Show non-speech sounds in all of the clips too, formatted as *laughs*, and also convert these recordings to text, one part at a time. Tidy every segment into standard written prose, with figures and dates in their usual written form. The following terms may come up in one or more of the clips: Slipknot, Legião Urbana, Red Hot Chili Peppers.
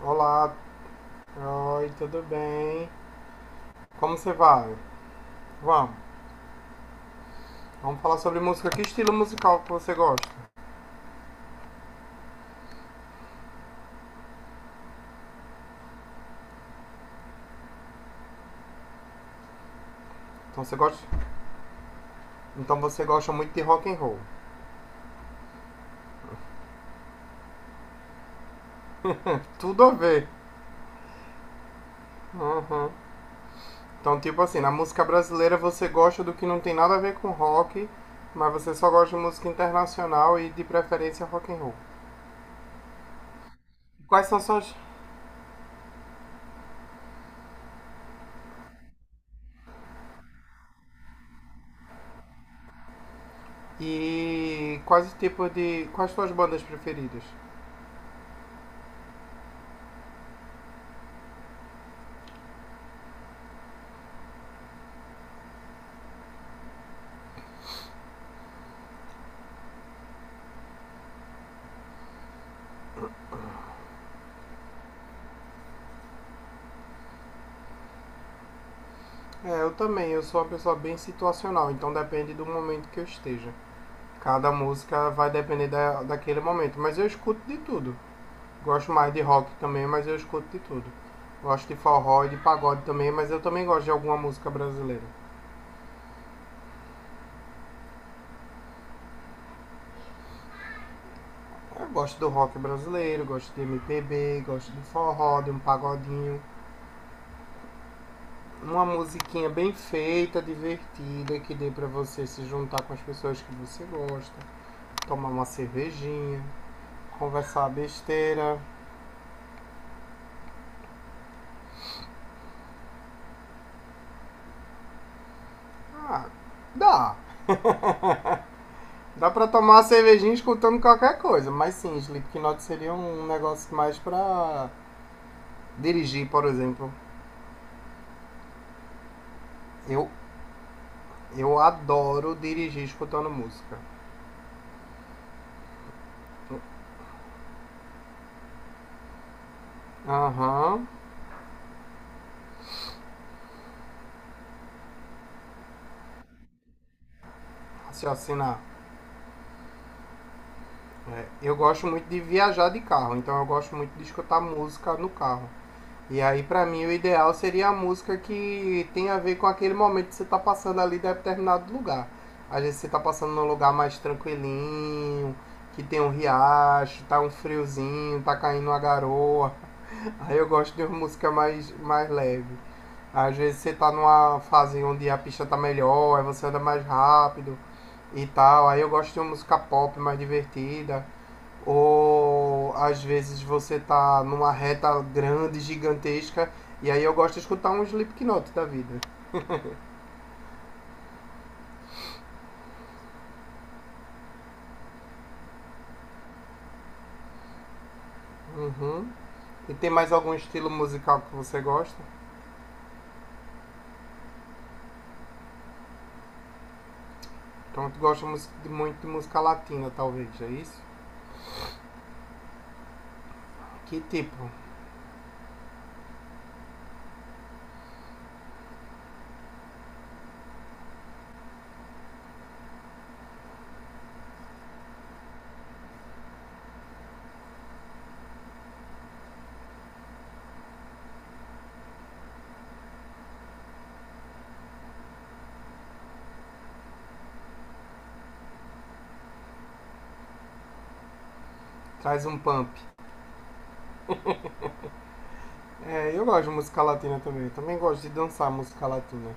Olá, oi, tudo bem? Como você vai? Vamos, vamos falar sobre música. Que estilo musical que você gosta? Então você gosta, então você gosta muito de rock and roll. Tudo a ver. Uhum. Então tipo assim, na música brasileira você gosta do que não tem nada a ver com rock, mas você só gosta de música internacional e de preferência rock and roll. Quais são suas e quais tipos de quais suas bandas preferidas? É, eu também, eu sou uma pessoa bem situacional, então depende do momento que eu esteja. Cada música vai depender daquele momento. Mas eu escuto de tudo. Gosto mais de rock também, mas eu escuto de tudo. Gosto de forró e de pagode também, mas eu também gosto de alguma música brasileira. Eu gosto do rock brasileiro, gosto de MPB, gosto de forró, de um pagodinho. Uma musiquinha bem feita, divertida, que dê pra você se juntar com as pessoas que você gosta, tomar uma cervejinha, conversar besteira. Ah, dá. Dá pra tomar uma cervejinha escutando qualquer coisa, mas sim, Slipknot seria um negócio mais pra dirigir, por exemplo. Eu, eu adoro dirigir escutando música. Aham, uhum. Raciocinar. É, eu gosto muito de viajar de carro, então eu gosto muito de escutar música no carro. E aí, pra mim, o ideal seria a música que tem a ver com aquele momento que você tá passando ali de determinado lugar. Às vezes você tá passando num lugar mais tranquilinho, que tem um riacho, tá um friozinho, tá caindo uma garoa. *laughs* Aí eu gosto de uma música mais leve. Às vezes você tá numa fase onde a pista tá melhor, aí você anda mais rápido e tal. Aí eu gosto de uma música pop mais divertida. Ou às vezes você tá numa reta grande, gigantesca, e aí eu gosto de escutar um Slipknot da vida. Uhum. E tem mais algum estilo musical que você gosta? Então tu gosta de muito de música latina, talvez, é isso? Que tipo? Traz um pump. É, eu gosto de música latina também. Também gosto de dançar música latina.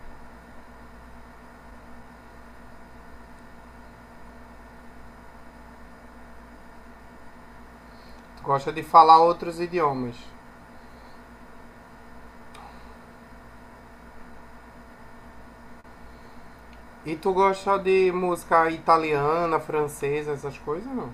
Tu gosta de falar outros idiomas. E tu gosta de música italiana, francesa, essas coisas, não?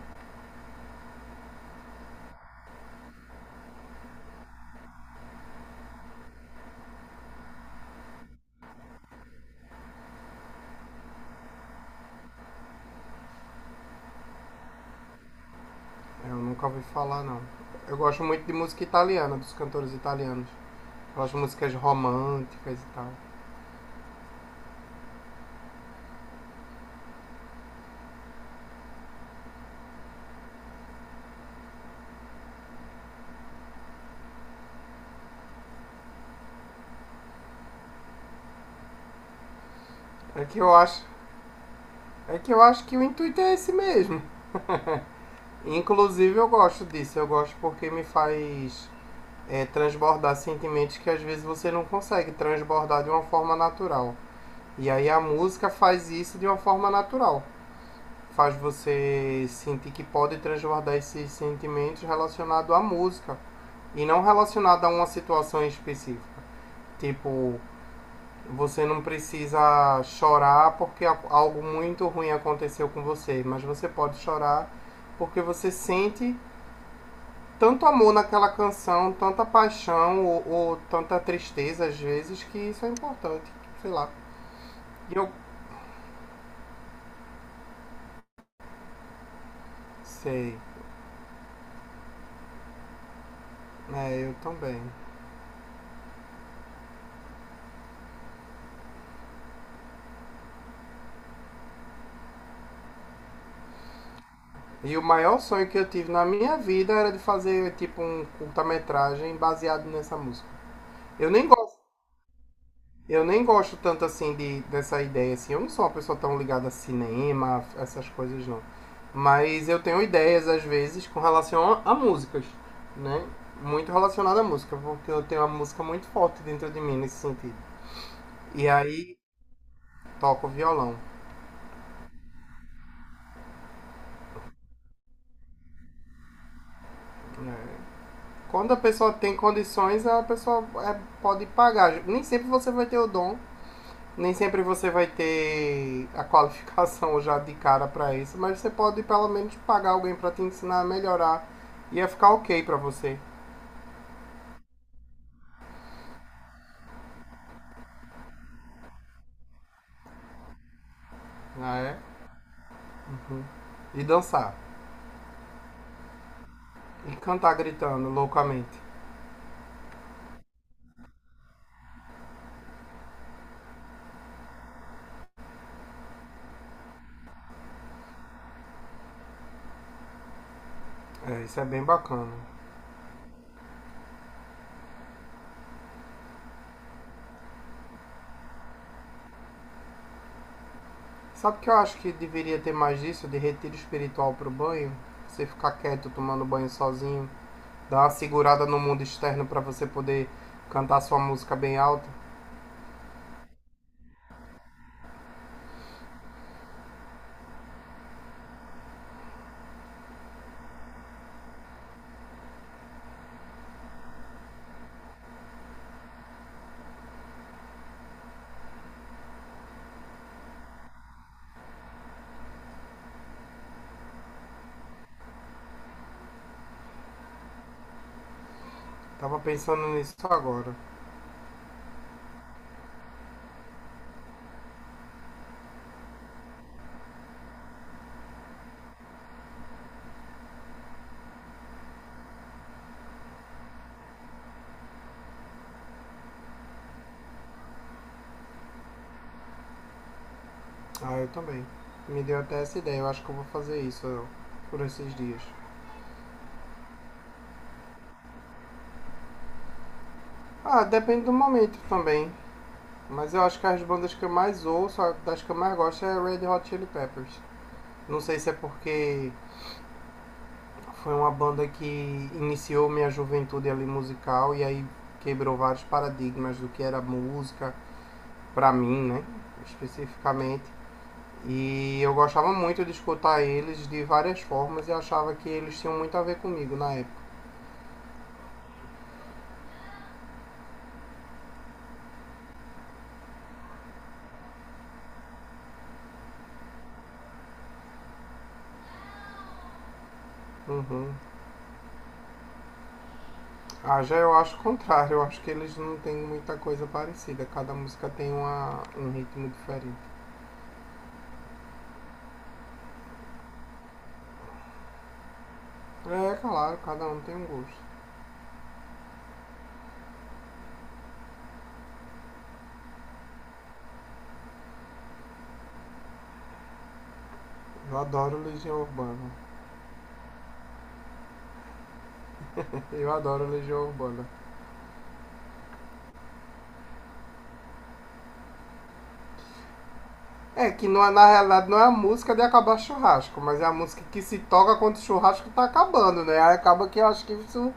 Eu nunca ouvi falar, não. Eu gosto muito de música italiana, dos cantores italianos. Eu gosto de músicas românticas e tal. É que eu acho, é que eu acho que o intuito é esse mesmo. Inclusive eu gosto disso, eu gosto porque me faz transbordar sentimentos que às vezes você não consegue transbordar de uma forma natural. E aí a música faz isso de uma forma natural. Faz você sentir que pode transbordar esses sentimentos relacionados à música e não relacionado a uma situação específica. Tipo, você não precisa chorar porque algo muito ruim aconteceu com você, mas você pode chorar porque você sente tanto amor naquela canção, tanta paixão ou tanta tristeza às vezes que isso é importante, sei lá. E eu sei, é, eu também. E o maior sonho que eu tive na minha vida era de fazer tipo um curta-metragem baseado nessa música. Eu nem gosto Eu nem gosto tanto assim dessa ideia, assim. Eu não sou uma pessoa tão ligada a cinema, essas coisas não. Mas eu tenho ideias, às vezes, com relação a músicas, né? Muito relacionada à música, porque eu tenho uma música muito forte dentro de mim nesse sentido. E aí toco violão. Né? Quando a pessoa tem condições, a pessoa pode pagar. Nem sempre você vai ter o dom Nem sempre você vai ter a qualificação já de cara para isso, mas você pode pelo menos pagar alguém para te ensinar a melhorar. E ia ficar ok para você, né? E dançar. E cantar gritando loucamente. É, isso é bem bacana. Sabe que eu acho que deveria ter mais disso de retiro espiritual pro banho? Você ficar quieto tomando banho sozinho, dar uma segurada no mundo externo para você poder cantar sua música bem alta. Tava pensando nisso agora. Ah, eu também. Me deu até essa ideia. Eu acho que eu vou fazer isso ó, por esses dias. Ah, depende do momento também. Mas eu acho que as bandas que eu mais ouço, das que eu mais gosto, é Red Hot Chili Peppers. Não sei se é porque foi uma banda que iniciou minha juventude ali musical e aí quebrou vários paradigmas do que era música, pra mim, né? Especificamente. E eu gostava muito de escutar eles de várias formas e achava que eles tinham muito a ver comigo na época. Uhum. Ah, já eu acho o contrário. Eu acho que eles não têm muita coisa parecida. Cada música tem um ritmo diferente. É, claro, cada um tem um gosto. Eu adoro Legião Urbana. *laughs* Eu adoro Legião Urbana. É, que não é, na realidade não é a música de acabar churrasco, mas é a música que se toca quando o churrasco tá acabando, né? Aí acaba que eu acho que isso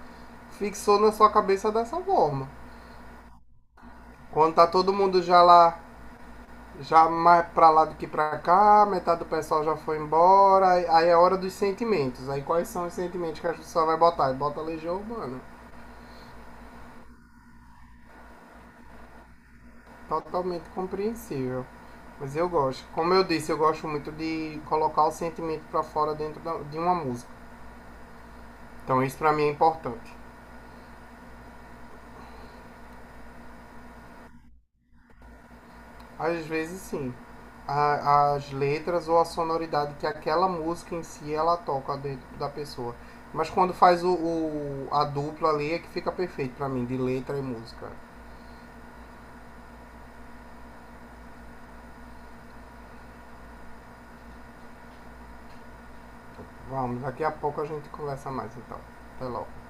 fixou na sua cabeça dessa forma. Quando tá todo mundo já lá já mais pra lá do que pra cá, metade do pessoal já foi embora, é hora dos sentimentos. Aí quais são os sentimentos que a pessoa vai botar? Bota Legião Urbana. Totalmente compreensível. Mas eu gosto. Como eu disse, eu gosto muito de colocar o sentimento pra fora dentro de uma música. Então isso pra mim é importante. Às vezes sim. As letras ou a sonoridade que aquela música em si ela toca dentro da pessoa. Mas quando faz a dupla ali é que fica perfeito pra mim, de letra e música. Vamos, daqui a pouco a gente conversa mais então. Até logo.